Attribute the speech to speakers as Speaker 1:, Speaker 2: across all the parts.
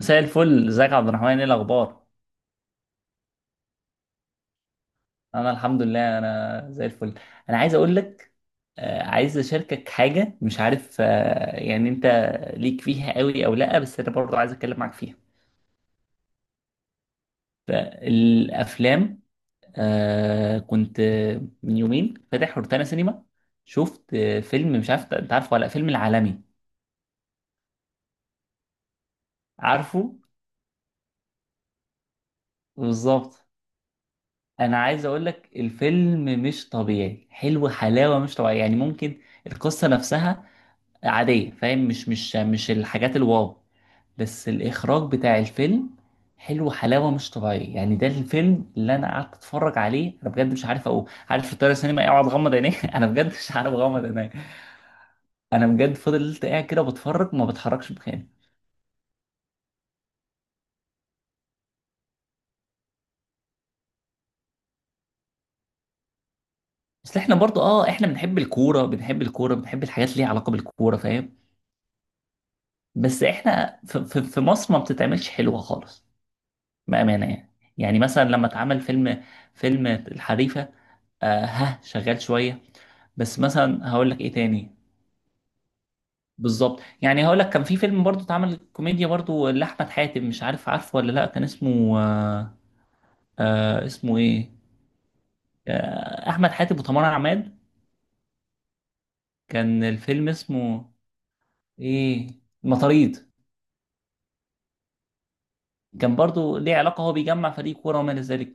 Speaker 1: مساء الفل، ازيك يا عبد الرحمن؟ ايه الاخبار؟ انا الحمد لله، انا زي الفل. انا عايز اقول لك، عايز اشاركك حاجه. مش عارف يعني انت ليك فيها قوي او لا، بس انا برضو عايز اتكلم معاك فيها. فالافلام كنت من يومين فاتح روتانا سينما، شفت فيلم. مش عارف انت عارفه ولا لأ، فيلم العالمي. عارفه؟ بالظبط. انا عايز اقول لك الفيلم مش طبيعي، حلو حلاوه مش طبيعيه، يعني ممكن القصه نفسها عادية فاهم، مش الحاجات الواو، بس الإخراج بتاع الفيلم حلو حلاوة مش طبيعية. يعني ده الفيلم اللي أنا قعدت أتفرج عليه، أنا بجد مش عارف أقول، عارف في الطيارة السينما إيه؟ أقعد أغمض عيني أنا بجد مش عارف أغمض عيني. أنا بجد فضلت قاعد كده بتفرج، ما بتحركش مكاني. بس إحنا برضو إحنا بنحب الكورة، بنحب الكورة، بنحب الحاجات اللي ليها علاقة بالكورة فاهم. بس إحنا في مصر ما بتتعملش حلوة خالص، بأمانة يعني. يعني مثلا لما اتعمل فيلم، فيلم الحريفة، آه ها، شغال شوية، بس مثلا هقول لك ايه تاني. بالظبط. يعني هقول لك كان في فيلم برضو اتعمل كوميديا برضو لأحمد حاتم، مش عارف عارفه ولا لا، كان اسمه اسمه ايه؟ أحمد حاتم وتمر عماد. كان الفيلم اسمه ايه؟ المطاريد. كان برضو ليه علاقة، هو بيجمع فريق كورة وما إلى ذلك،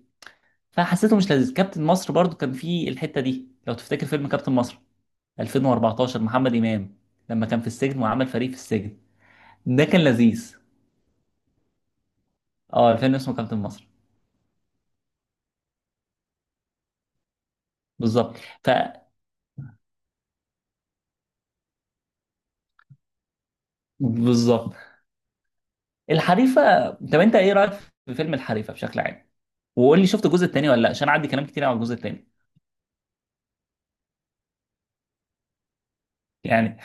Speaker 1: فحسيته مش لذيذ. كابتن مصر برضو كان فيه الحتة دي، لو تفتكر فيلم كابتن مصر 2014، محمد إمام، لما كان في السجن وعمل فريق في السجن. ده كان لذيذ. اه الفيلم اسمه كابتن مصر. بالظبط. ف بالظبط. الحريفه، طب انت ايه رايك في فيلم الحريفه بشكل عام؟ وقول لي شفت الجزء الثاني ولا لا، عشان عندي كلام كتير عن الجزء الثاني. يعني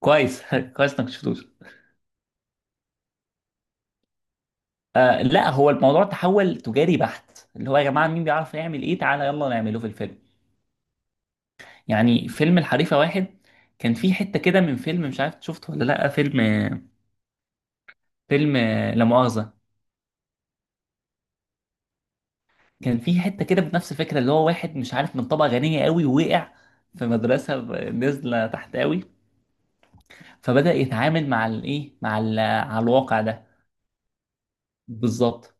Speaker 1: كويس كويس انك شفتوش. آه لا، هو الموضوع تحول تجاري بحت، اللي هو يا جماعه مين بيعرف يعمل ايه تعالى يلا نعمله في الفيلم. يعني فيلم الحريفه واحد، كان فيه حته كده من فيلم، مش عارف شفته ولا لا، فيلم فيلم لا مؤاخذه، كان في حته كده بنفس الفكره، اللي هو واحد مش عارف من طبقه غنيه قوي ووقع في مدرسه نازله تحت قوي. فبدا يتعامل مع الايه، مع على الواقع ده. بالظبط.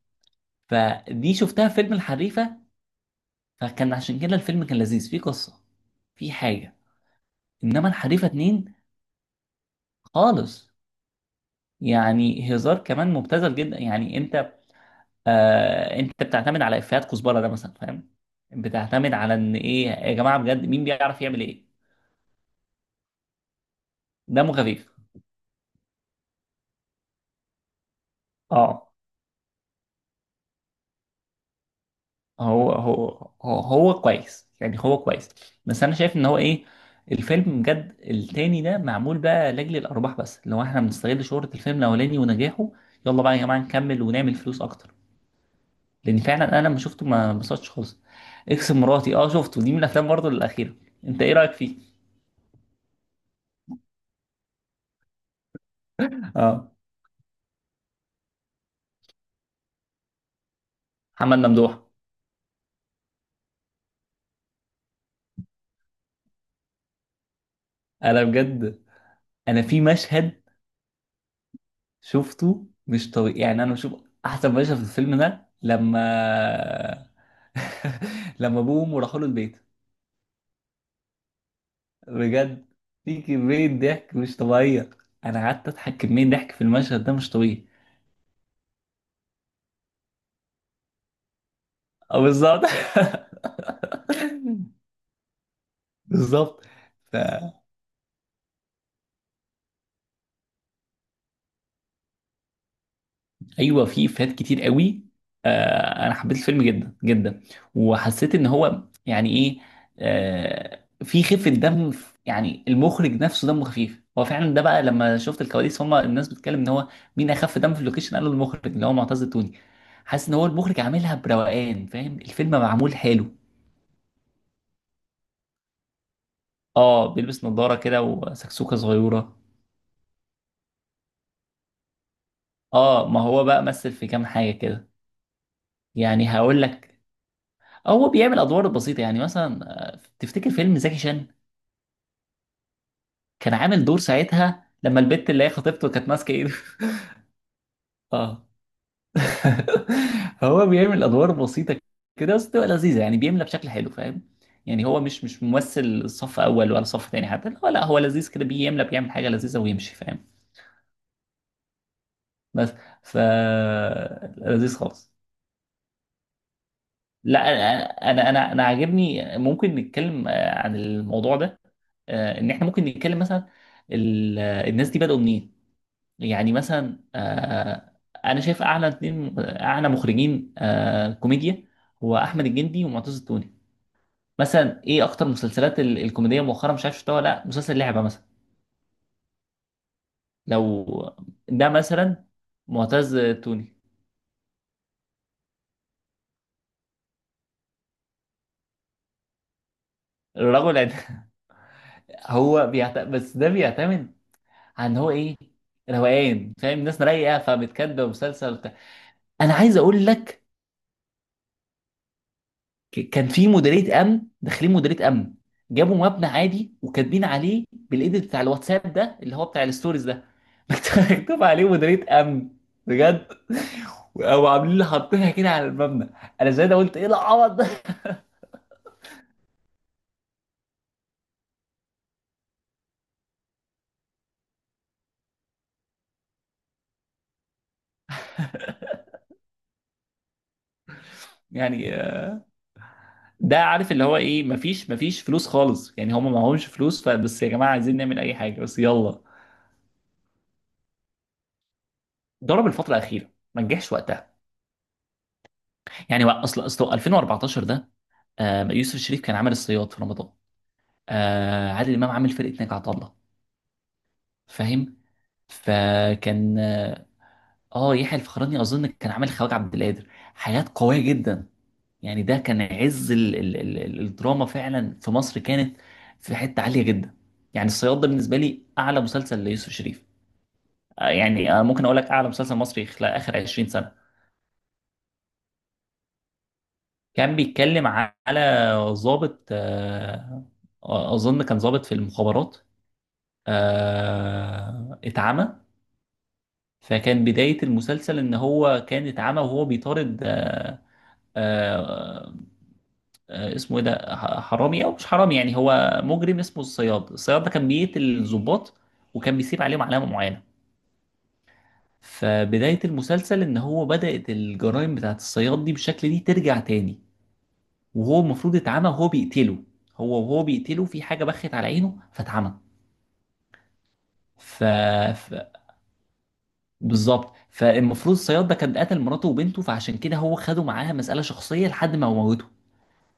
Speaker 1: فدي شفتها في فيلم الحريفه، فكان عشان كده الفيلم كان لذيذ، فيه قصه، في حاجه. انما الحريفه اتنين خالص، يعني هزار كمان مبتذل جدا. يعني انت انت بتعتمد على افيهات كزبره ده مثلا فاهم، بتعتمد على ان ايه يا جماعه بجد مين بيعرف يعمل ايه. دمه خفيف اه. هو كويس يعني، هو كويس، بس انا شايف ان هو ايه، الفيلم بجد التاني ده معمول بقى لاجل الارباح بس، اللي هو احنا بنستغل شهرة الفيلم الاولاني ونجاحه، يلا بقى يا جماعة نكمل ونعمل فلوس اكتر، لان فعلا انا لما شفته ما انبسطتش خالص. اكس مراتي، اه شفته، دي من الافلام برضه الاخيرة. انت ايه رأيك فيه؟ اه محمد ممدوح، انا بجد، انا في مشهد شفته مش طبيعي. يعني انا بشوف احسن مشهد في الفيلم ده لما لما ابوه وامه راحوا له البيت، بجد في كمية ضحك مش طبيعية. انا قعدت اضحك كمية ضحك في المشهد ده مش طبيعي. اه بالظبط. بالظبط. ايوه في افيهات كتير قوي. آه انا حبيت الفيلم جدا جدا، وحسيت ان هو يعني ايه، في خفه دم يعني المخرج نفسه دمه خفيف، هو فعلا ده بقى لما شفت الكواليس، هم الناس بتتكلم ان هو مين اخف دم في اللوكيشن، قالوا المخرج اللي هو معتز التوني. حاسس ان هو المخرج عاملها بروقان فاهم، الفيلم معمول حلو. اه بيلبس نظاره كده وسكسوكه صغيره. اه ما هو بقى مثل في كام حاجه كده. يعني هقول لك، هو بيعمل ادوار بسيطه يعني مثلا تفتكر فيلم زكي شان؟ كان عامل دور ساعتها لما البت اللي هي خطيبته كانت ماسكه ايده اه. هو بيعمل ادوار بسيطه كده بس بتبقى لذيذه، يعني بيملى بشكل حلو فاهم. يعني هو مش ممثل صف اول ولا صف تاني حتى، هو لا هو لذيذ كده، بيملى بيعمل حاجه لذيذه ويمشي فاهم. بس ف لذيذ خالص. لا، انا انا انا أنا عاجبني. ممكن نتكلم عن الموضوع ده، ان احنا ممكن نتكلم مثلا الناس دي بدأوا منين. يعني مثلا انا شايف اعلى اتنين اعلى مخرجين كوميديا هو احمد الجندي ومعتز التوني. مثلا ايه اكتر مسلسلات الكوميديه مؤخرا؟ مش عارف شفتها ولا لا، مسلسل لعبه مثلا، لو ده مثلا معتز التوني. الرجل عد- بس ده بيعتمد عن هو ايه، روقان فاهم، ناس رايقه فبتكدب مسلسل بتاع. انا عايز اقول لك، كان في مديريه امن، داخلين مديريه امن، جابوا مبنى عادي وكاتبين عليه بالايديت بتاع الواتساب، ده اللي هو بتاع الستوريز ده مكتوب عليه مديريه امن، بجد، او عاملين لي حاطينها كده على المبنى. انا زي ده قلت ايه العبط ده يعني ده عارف اللي هو ايه، مفيش فلوس خالص يعني، هم معهمش فلوس، فبس يا جماعه عايزين نعمل اي حاجه بس يلا، ضرب الفتره الاخيره ما نجحش وقتها. يعني بقى اصل 2014 ده، يوسف الشريف كان عامل الصياد في رمضان، عادل امام عامل فرقه ناجي عطا الله فاهم. فكان يحيى الفخراني اظن كان عامل خواجه عبد القادر. حاجات قويه جدا، يعني ده كان عز الدراما فعلا في مصر، كانت في حته عاليه جدا. يعني الصياد ده بالنسبه لي اعلى مسلسل ليوسف شريف. يعني ممكن اقول لك اعلى مسلسل مصري خلال اخر 20 سنه. كان بيتكلم على ضابط، اظن كان ضابط في المخابرات، اتعمى. فكان بداية المسلسل إن هو كان اتعمى وهو بيطارد، آه اسمه إيه ده؟ حرامي أو مش حرامي، يعني هو مجرم اسمه الصياد. الصياد ده كان بيقتل الضباط، وكان بيسيب عليهم علامة معينة. فبداية المسلسل إن هو بدأت الجرائم بتاعت الصياد دي بالشكل دي ترجع تاني، وهو المفروض اتعمى، وهو بيقتله، هو وهو بيقتله في حاجة بخت على عينه فاتعمى. ف... ف... بالظبط، فالمفروض الصياد ده كان قتل مراته وبنته، فعشان كده هو خده معاها مسألة شخصية لحد ما موته.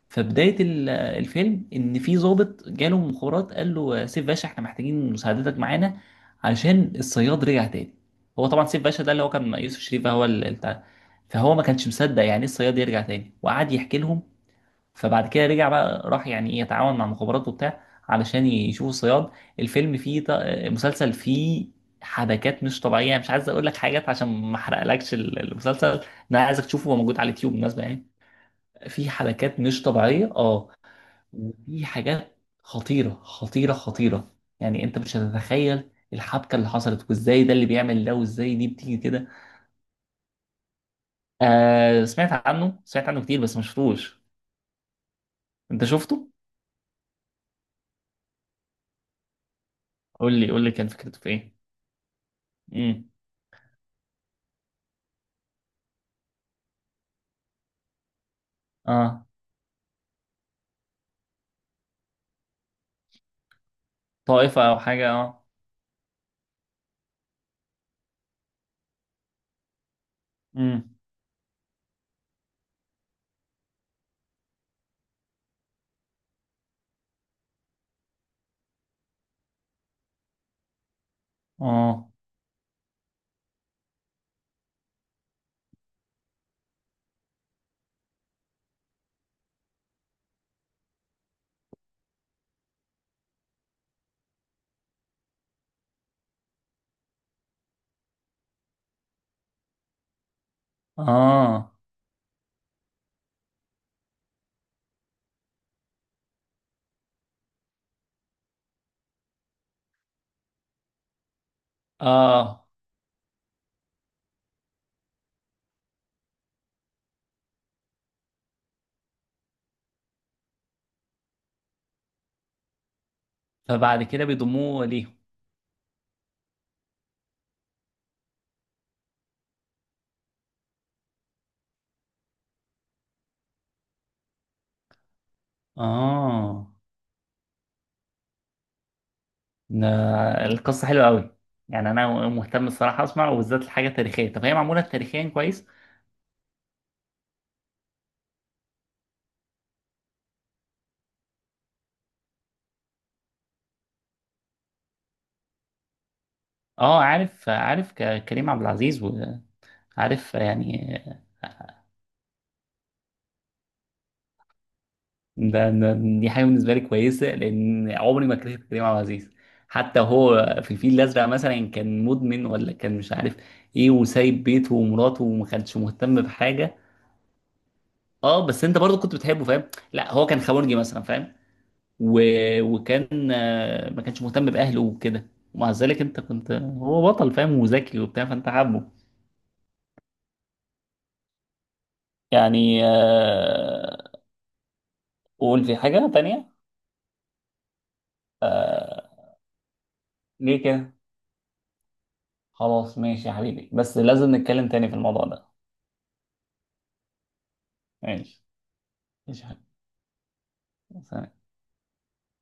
Speaker 1: فبداية الفيلم إن في ضابط جاله من مخابرات قال له سيف باشا إحنا محتاجين مساعدتك معانا، عشان الصياد رجع تاني. هو طبعا سيف باشا ده اللي هو كان يوسف شريف، هو البتاع. فهو ما كانش مصدق يعني إيه الصياد يرجع تاني، وقعد يحكي لهم. فبعد كده رجع بقى، راح يعني ايه يتعاون مع مخابرات وبتاع علشان يشوفوا الصياد. الفيلم فيه ط- مسلسل فيه حبكات مش طبيعيه، يعني مش عايز اقول لك حاجات عشان ما احرقلكش المسلسل. انا عايزك تشوفه، هو موجود على اليوتيوب بالمناسبه يعني. في حبكات مش طبيعيه اه، وفي حاجات خطيره خطيره خطيره، يعني انت مش هتتخيل الحبكه اللي حصلت، وازاي ده اللي بيعمل ده، وازاي دي بتيجي كده. سمعت عنه، سمعت عنه كتير بس ما شفتوش. انت شفته؟ قول لي قول لي كان فكرته في ايه. امم. اه، طائفة او حاجة اه. امم. اه اه اه. فبعد كده بيضموه ليهم. اه. ده القصة حلوة قوي، يعني انا مهتم الصراحة اسمع، وبالذات الحاجة التاريخية. طب هي معمولة تاريخيا كويس؟ اه عارف، عارف، كريم عبد العزيز، وعارف يعني. ده ده- دي حاجه بالنسبه لي كويسه، لان عمري ما كرهت كريم عبد العزيز، حتى هو في الفيل الازرق مثلا كان مدمن، ولا كان مش عارف ايه، وسايب بيته ومراته، وما كانش مهتم بحاجه. اه بس انت برضه كنت بتحبه فاهم، لا هو كان خبرجي مثلا فاهم. و... وكان ما كانش مهتم باهله وكده، ومع ذلك انت كنت هو بطل فاهم وذكي وبتاع، فانت حابه. يعني قول في حاجه تانية. ليه كده؟ خلاص ماشي يا حبيبي، بس لازم نتكلم تاني في الموضوع ده. ماشي. مش عارف.